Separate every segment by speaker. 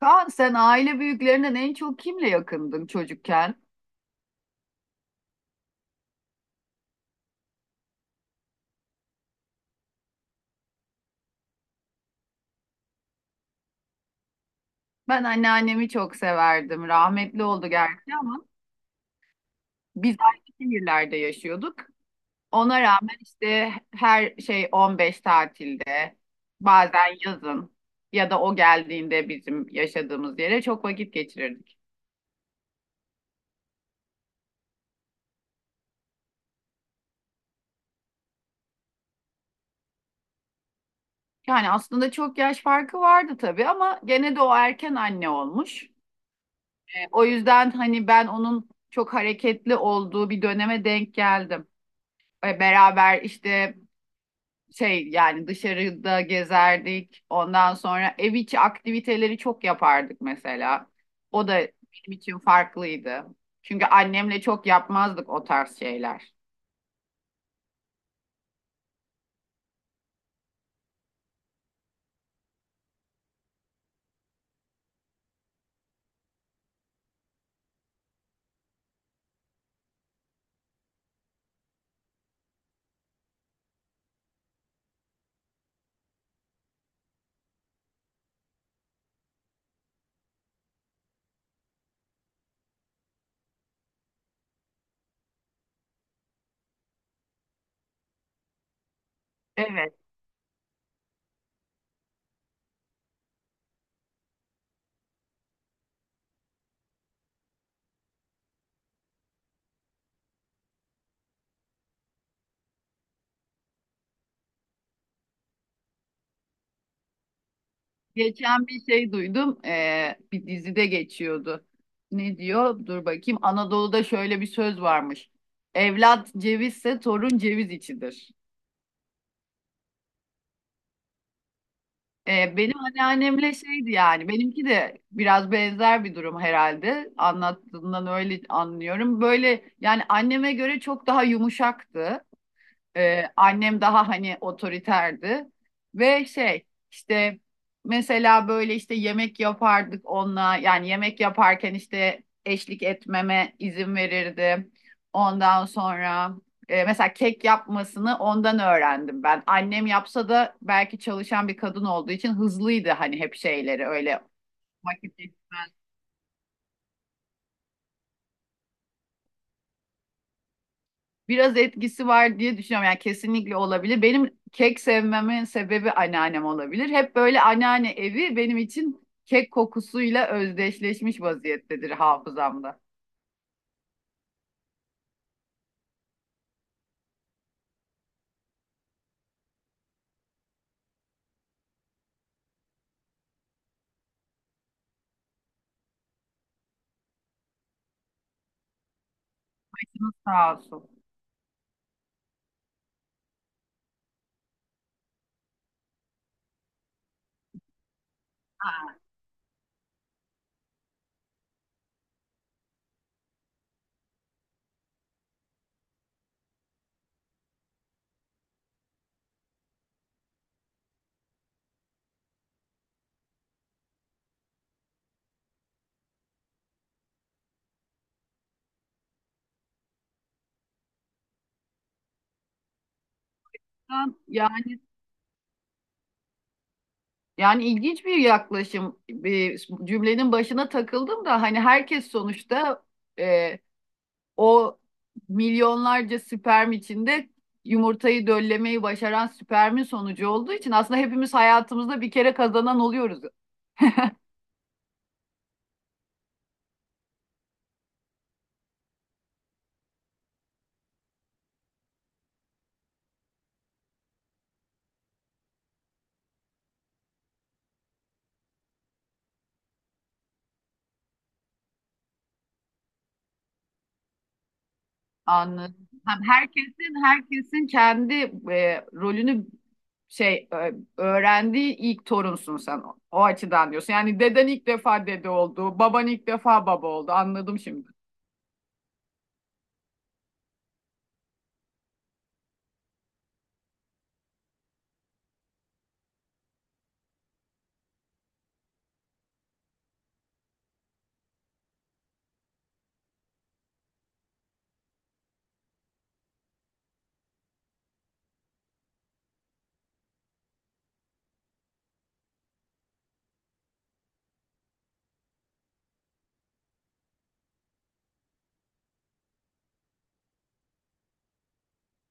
Speaker 1: Kaan sen aile büyüklerinden en çok kimle yakındın çocukken? Ben anneannemi çok severdim. Rahmetli oldu gerçi ama biz aynı şehirlerde yaşıyorduk. Ona rağmen işte her şey 15 tatilde, bazen yazın ya da o geldiğinde bizim yaşadığımız yere çok vakit geçirirdik. Yani aslında çok yaş farkı vardı tabii ama gene de o erken anne olmuş. O yüzden hani ben onun çok hareketli olduğu bir döneme denk geldim. Beraber işte şey yani dışarıda gezerdik. Ondan sonra ev içi aktiviteleri çok yapardık mesela. O da benim için farklıydı. Çünkü annemle çok yapmazdık o tarz şeyler. Evet. Geçen bir şey duydum. Bir dizide geçiyordu. Ne diyor? Dur bakayım. Anadolu'da şöyle bir söz varmış. Evlat cevizse torun ceviz içidir. Benim anneannemle şeydi yani benimki de biraz benzer bir durum herhalde anlattığından öyle anlıyorum. Böyle yani anneme göre çok daha yumuşaktı. Annem daha hani otoriterdi ve şey işte mesela böyle işte yemek yapardık onunla yani yemek yaparken işte eşlik etmeme izin verirdi. Ondan sonra mesela kek yapmasını ondan öğrendim ben. Annem yapsa da belki çalışan bir kadın olduğu için hızlıydı hani hep şeyleri öyle vakit geçirmezdi. Biraz etkisi var diye düşünüyorum. Yani kesinlikle olabilir. Benim kek sevmemin sebebi anneannem olabilir. Hep böyle anneanne evi benim için kek kokusuyla özdeşleşmiş vaziyettedir hafızamda. Sağ olsun. Ben- Yani yani ilginç bir yaklaşım. Bir cümlenin başına takıldım da hani herkes sonuçta e, o milyonlarca sperm içinde yumurtayı döllemeyi başaran spermin sonucu olduğu için aslında hepimiz hayatımızda bir kere kazanan oluyoruz. Anladım. Hem herkesin kendi rolünü şey öğrendiği ilk torunsun sen. O açıdan diyorsun. Yani deden ilk defa dede oldu, baban ilk defa baba oldu. Anladım şimdi.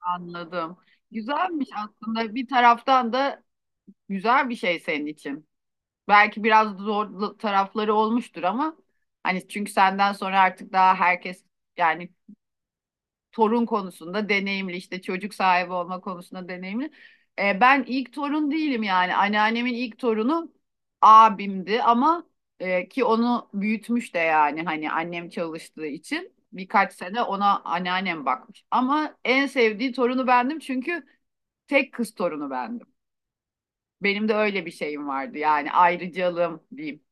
Speaker 1: Anladım. Güzelmiş aslında. Bir taraftan da güzel bir şey senin için. Belki biraz zor tarafları olmuştur ama hani çünkü senden sonra artık daha herkes yani torun konusunda deneyimli işte çocuk sahibi olma konusunda deneyimli. Ben ilk torun değilim yani anneannemin ilk torunu abimdi ama ki onu büyütmüş de yani hani annem çalıştığı için birkaç sene ona anneannem bakmış. Ama en sevdiği torunu bendim çünkü tek kız torunu bendim. Benim de öyle bir şeyim vardı yani ayrıcalığım diyeyim.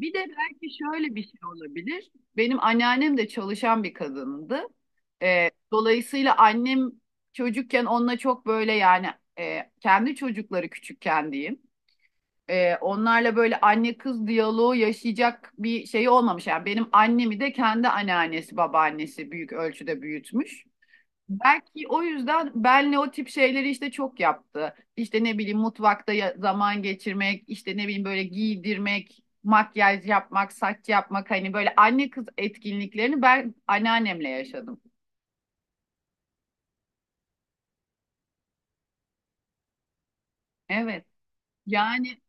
Speaker 1: Bir de belki şöyle bir şey olabilir. Benim anneannem de çalışan bir kadındı. Dolayısıyla annem çocukken onunla çok böyle yani kendi çocukları küçükken diyeyim. Onlarla böyle anne kız diyaloğu yaşayacak bir şey olmamış. Yani benim annemi de kendi anneannesi, babaannesi büyük ölçüde büyütmüş. Belki o yüzden benle o tip şeyleri işte çok yaptı. İşte ne bileyim mutfakta zaman geçirmek, işte ne bileyim böyle giydirmek, makyaj yapmak, saç yapmak hani böyle anne kız etkinliklerini ben anneannemle yaşadım. Evet. Yani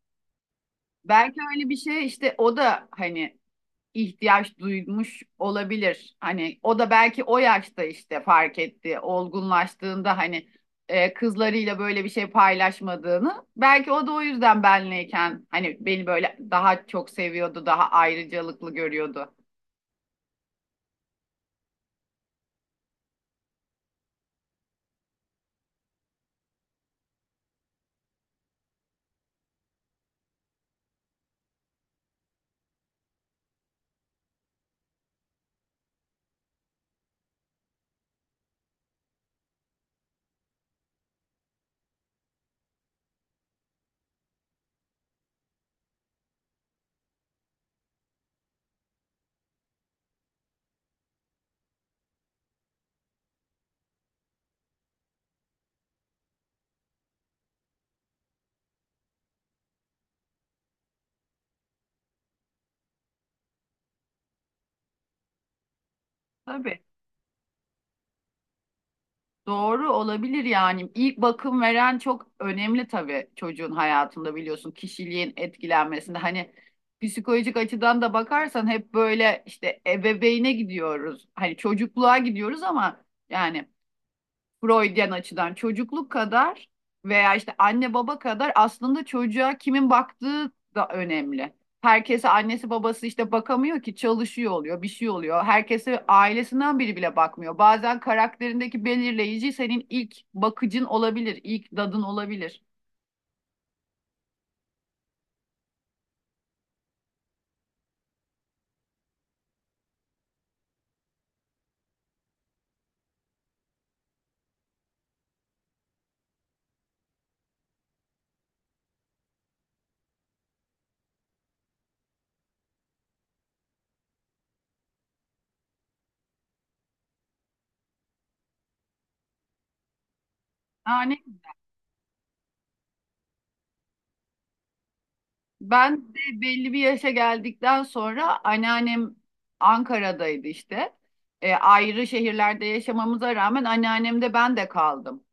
Speaker 1: belki öyle bir şey işte o da hani ihtiyaç duymuş olabilir. Hani o da belki o yaşta işte fark etti, olgunlaştığında hani kızlarıyla böyle bir şey paylaşmadığını. Belki o da o yüzden benleyken hani beni böyle daha çok seviyordu, daha ayrıcalıklı görüyordu. Tabii. Doğru olabilir yani. İlk bakım veren çok önemli tabii çocuğun hayatında biliyorsun kişiliğin etkilenmesinde. Hani psikolojik açıdan da bakarsan hep böyle işte ebeveyne gidiyoruz. Hani çocukluğa gidiyoruz ama yani Freudian açıdan çocukluk kadar veya işte anne baba kadar aslında çocuğa kimin baktığı da önemli. Herkese annesi babası işte bakamıyor ki çalışıyor oluyor, bir şey oluyor. Herkese ailesinden biri bile bakmıyor. Bazen karakterindeki belirleyici senin ilk bakıcın olabilir, ilk dadın olabilir. Yani ben de belli bir yaşa geldikten sonra anneannem Ankara'daydı işte. Ayrı şehirlerde yaşamamıza rağmen anneannemde ben de kaldım.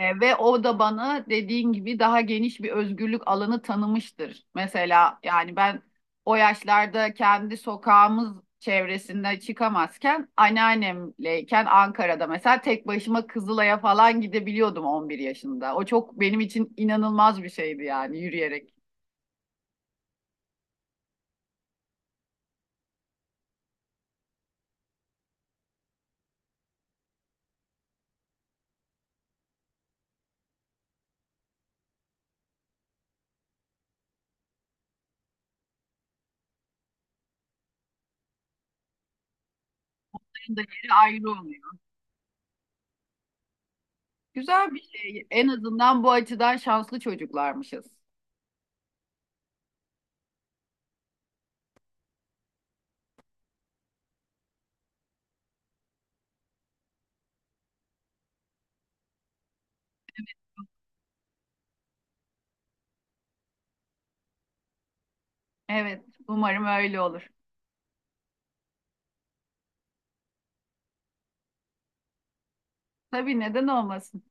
Speaker 1: Ve o da bana dediğin gibi daha geniş bir özgürlük alanı tanımıştır. Mesela yani ben o yaşlarda kendi sokağımız çevresinde çıkamazken anneannemleyken Ankara'da mesela tek başıma Kızılay'a falan gidebiliyordum 11 yaşında. O çok benim için inanılmaz bir şeydi yani yürüyerek. Onların da yeri ayrı oluyor. Güzel bir şey. En azından bu açıdan şanslı çocuklarmışız. Evet, umarım öyle olur. Tabii neden olmasın?